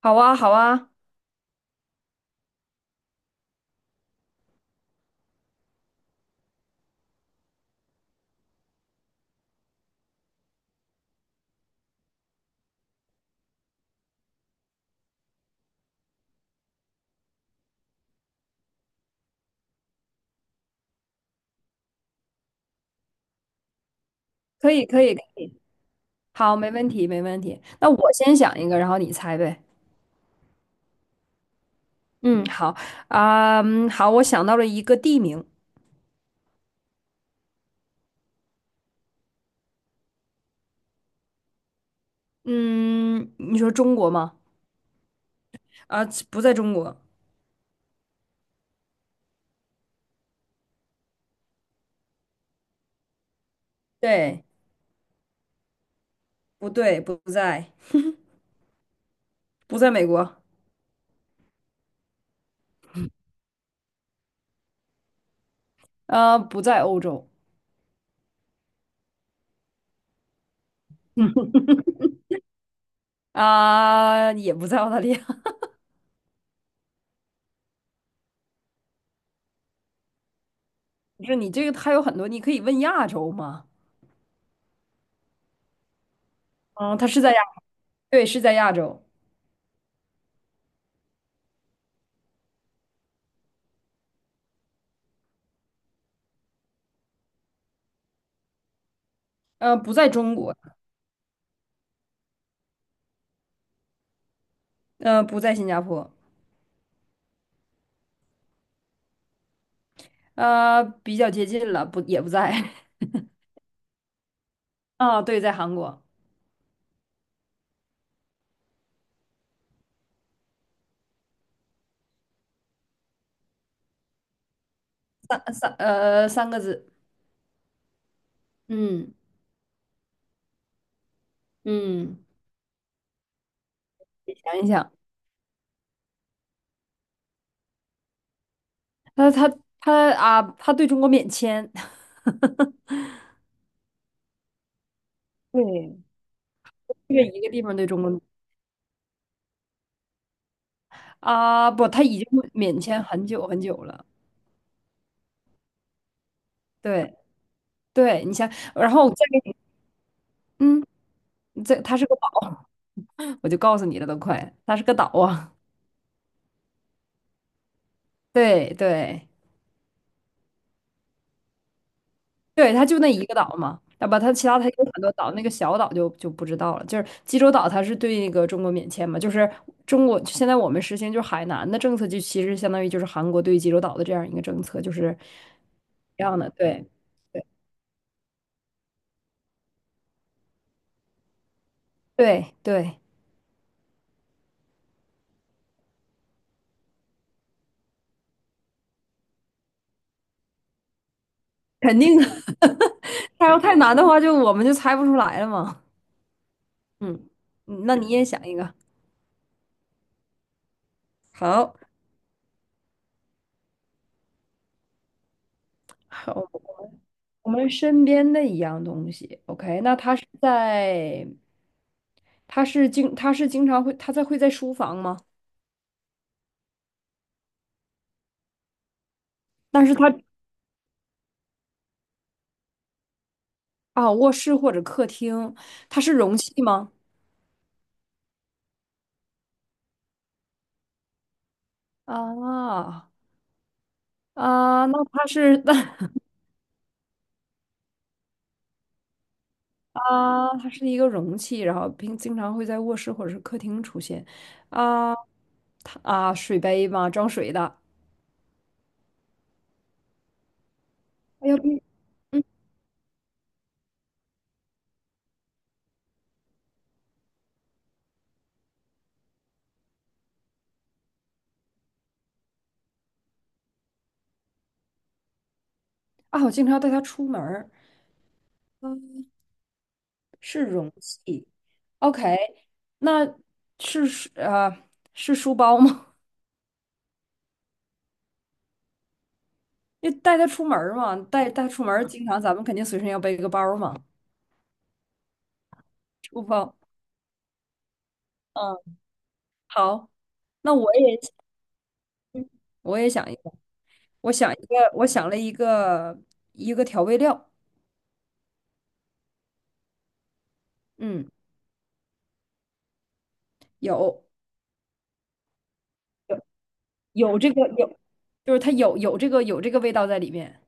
好啊，好啊，可以，可以，可以，好，没问题，没问题。那我先想一个，然后你猜呗。嗯，好啊，嗯好，我想到了一个地名。嗯，你说中国吗？啊，不在中国。对，不对，不在，不在美国，不在欧洲，啊、也不在澳大利亚。不是你这个，还有很多，你可以问亚洲吗？嗯、它是在亚，对，是在亚洲，嗯，不在中国，嗯，不在新加坡，比较接近了，不，也不在。啊，对，在韩国，三个字，嗯嗯，你想一想，他他啊，他对中国免签，对，这个一个地方对中国啊，不，他已经免签很久很久了，对对，你想，然后我再给你，嗯，这他是个岛，我就告诉你了，都快，他是个岛啊，对对，对，它就那一个岛嘛，啊不，它其他它有很多岛，那个小岛就不知道了。就是济州岛，它是对那个中国免签嘛，就是中国现在我们实行就是海南的政策，就其实相当于就是韩国对济州岛的这样一个政策，就是一样的。对，对，对，对，肯定的。它要太难的话，我们就猜不出来了嘛。嗯，嗯那你也想一个。好，好，我们身边的一样东西。OK，那它是在他是经他是经常会他在会在书房吗？但是他啊，卧室或者客厅，它是容器吗？啊那它是 它是一个容器，然后并经常会在卧室或者是客厅出现。啊，它啊，水杯吗？装水的。哎呀，不嗯啊，我经常带它出门儿。嗯，是容器。OK，那是呃是书包吗？因为带他出门儿嘛，带出门儿经常咱们肯定随身要背个包儿嘛，书包。嗯，好，那我也我也想一个，我想一个，我想了一个一个调味料，嗯，有有有这个有，就是它有这个味道在里面，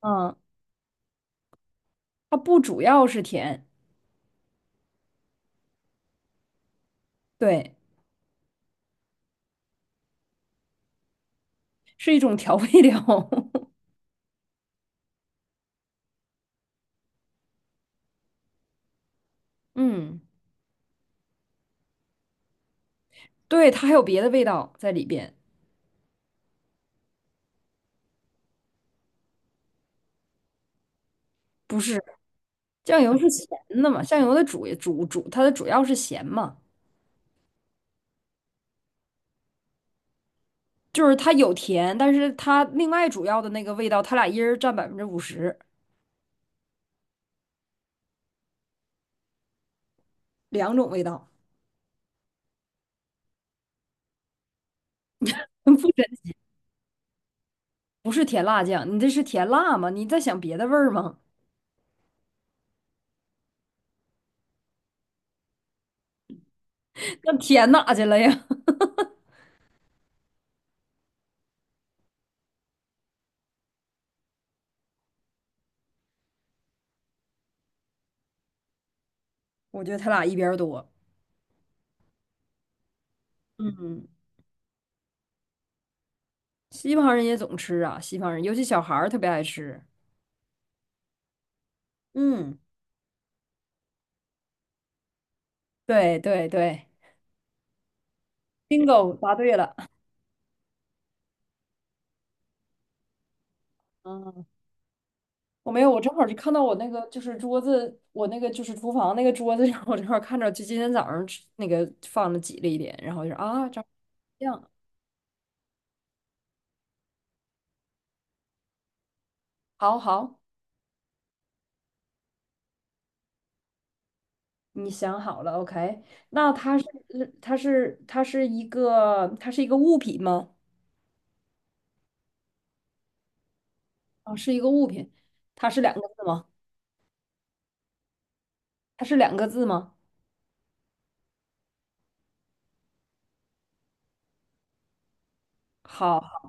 嗯，它不主要是甜，对，是一种调味料，嗯，对，它还有别的味道在里边，不是，酱油是咸的嘛，酱油的主主主它的主要是咸嘛。就是它有甜，但是它另外主要的那个味道，它俩一人占50%，两种味道，不神奇不是甜辣酱，你这是甜辣吗？你在想别的味儿吗？那甜哪去了呀？我觉得它俩一边儿多。嗯，西方人也总吃啊，西方人尤其小孩儿特别爱吃。嗯，对对对，bingo，答对了。嗯，我没有，我正好就看到我那个就是桌子，我那个就是厨房那个桌子上，我正好看着，就今天早上吃那个放了挤了一点，然后就说啊，炸酱。好好，你想好了，OK？那它是嗯它是它是一个物品吗？啊，是一个物品。它是两个字吗？它是两个字吗？好，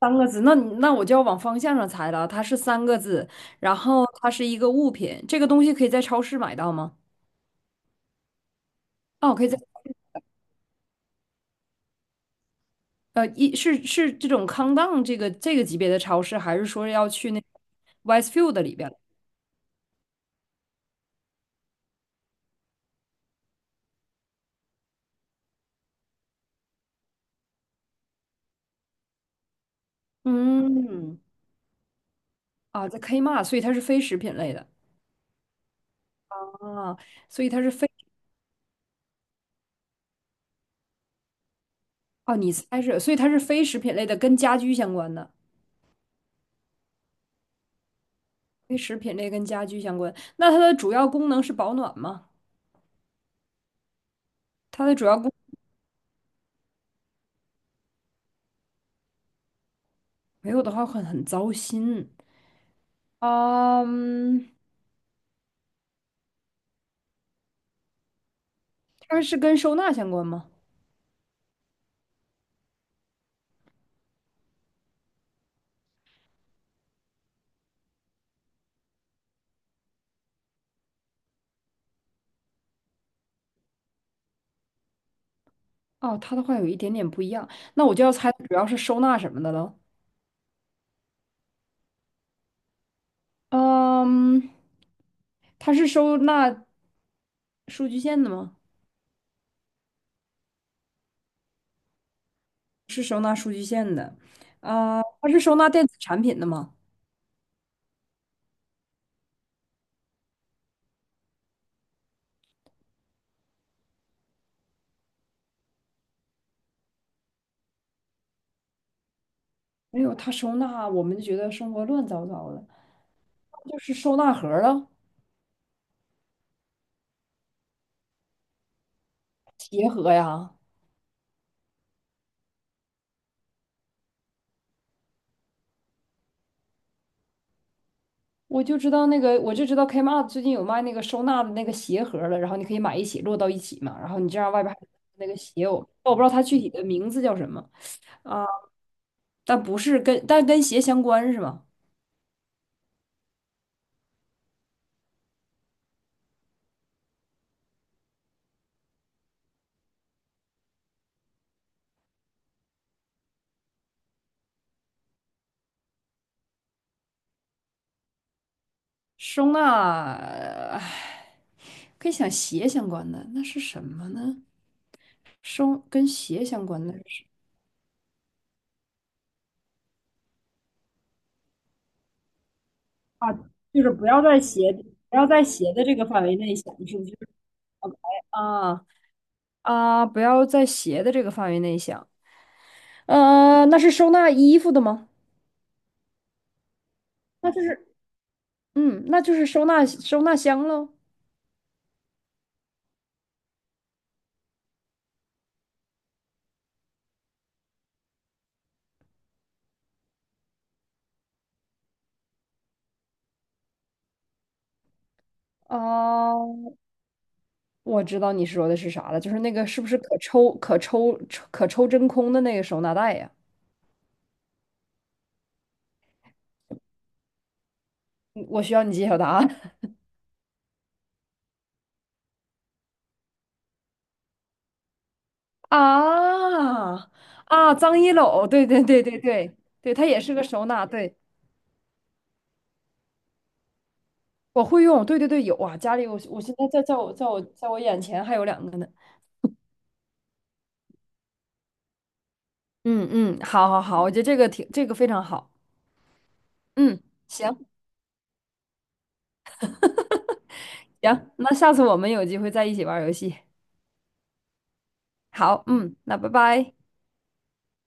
三个字。那你那我就要往方向上猜了。它是三个字，然后它是一个物品。这个东西可以在超市买到吗？哦，可以在呃一是是这种康当这个这个级别的超市，还是说要去那个 Westfield 里边？嗯，啊，在 Kmart，所以它是非食品类的。啊，所以它是非哦，你猜是，所以它是非食品类的，跟家居相关的，非食品类跟家居相关。那它的主要功能是保暖吗？它的主要功没有的话很糟心。嗯，它是跟收纳相关吗？哦，它的话有一点点不一样，那我就要猜主要是收纳什么的了。嗯，它是收纳数据线的吗？啊，它是收纳电子产品的吗？没有，它收纳我们就觉得生活乱糟糟的。就是收纳盒儿啊，鞋盒呀。我就知道那个，我就知道 Kmart 最近有卖那个收纳的那个鞋盒儿了，然后你可以买一起摞到一起嘛，然后你这样外边还有那个鞋，我不知道它具体的名字叫什么啊，但不是跟但跟鞋相关是吗？收纳，唉跟想鞋相关的那是什么呢？收跟鞋相关的是啊，就是不要在鞋不要在鞋的这个范围内想，是不是？OK 啊。啊，不要在鞋的这个范围内想。呃，那是收纳衣服的吗？那就是，嗯，那就是收纳箱喽。啊，我知道你说的是啥了，就是那个是不是可抽真空的那个收纳袋呀？嗯我需要你揭晓答案。啊脏衣篓，对对对对对对，它也是个收纳，对，我会用，对对对，有啊，家里我现在在我眼前还有两个呢。嗯嗯，好好好，我觉得这个挺这个非常好。嗯，行行，那下次我们有机会再一起玩儿游戏。好，嗯，那拜拜。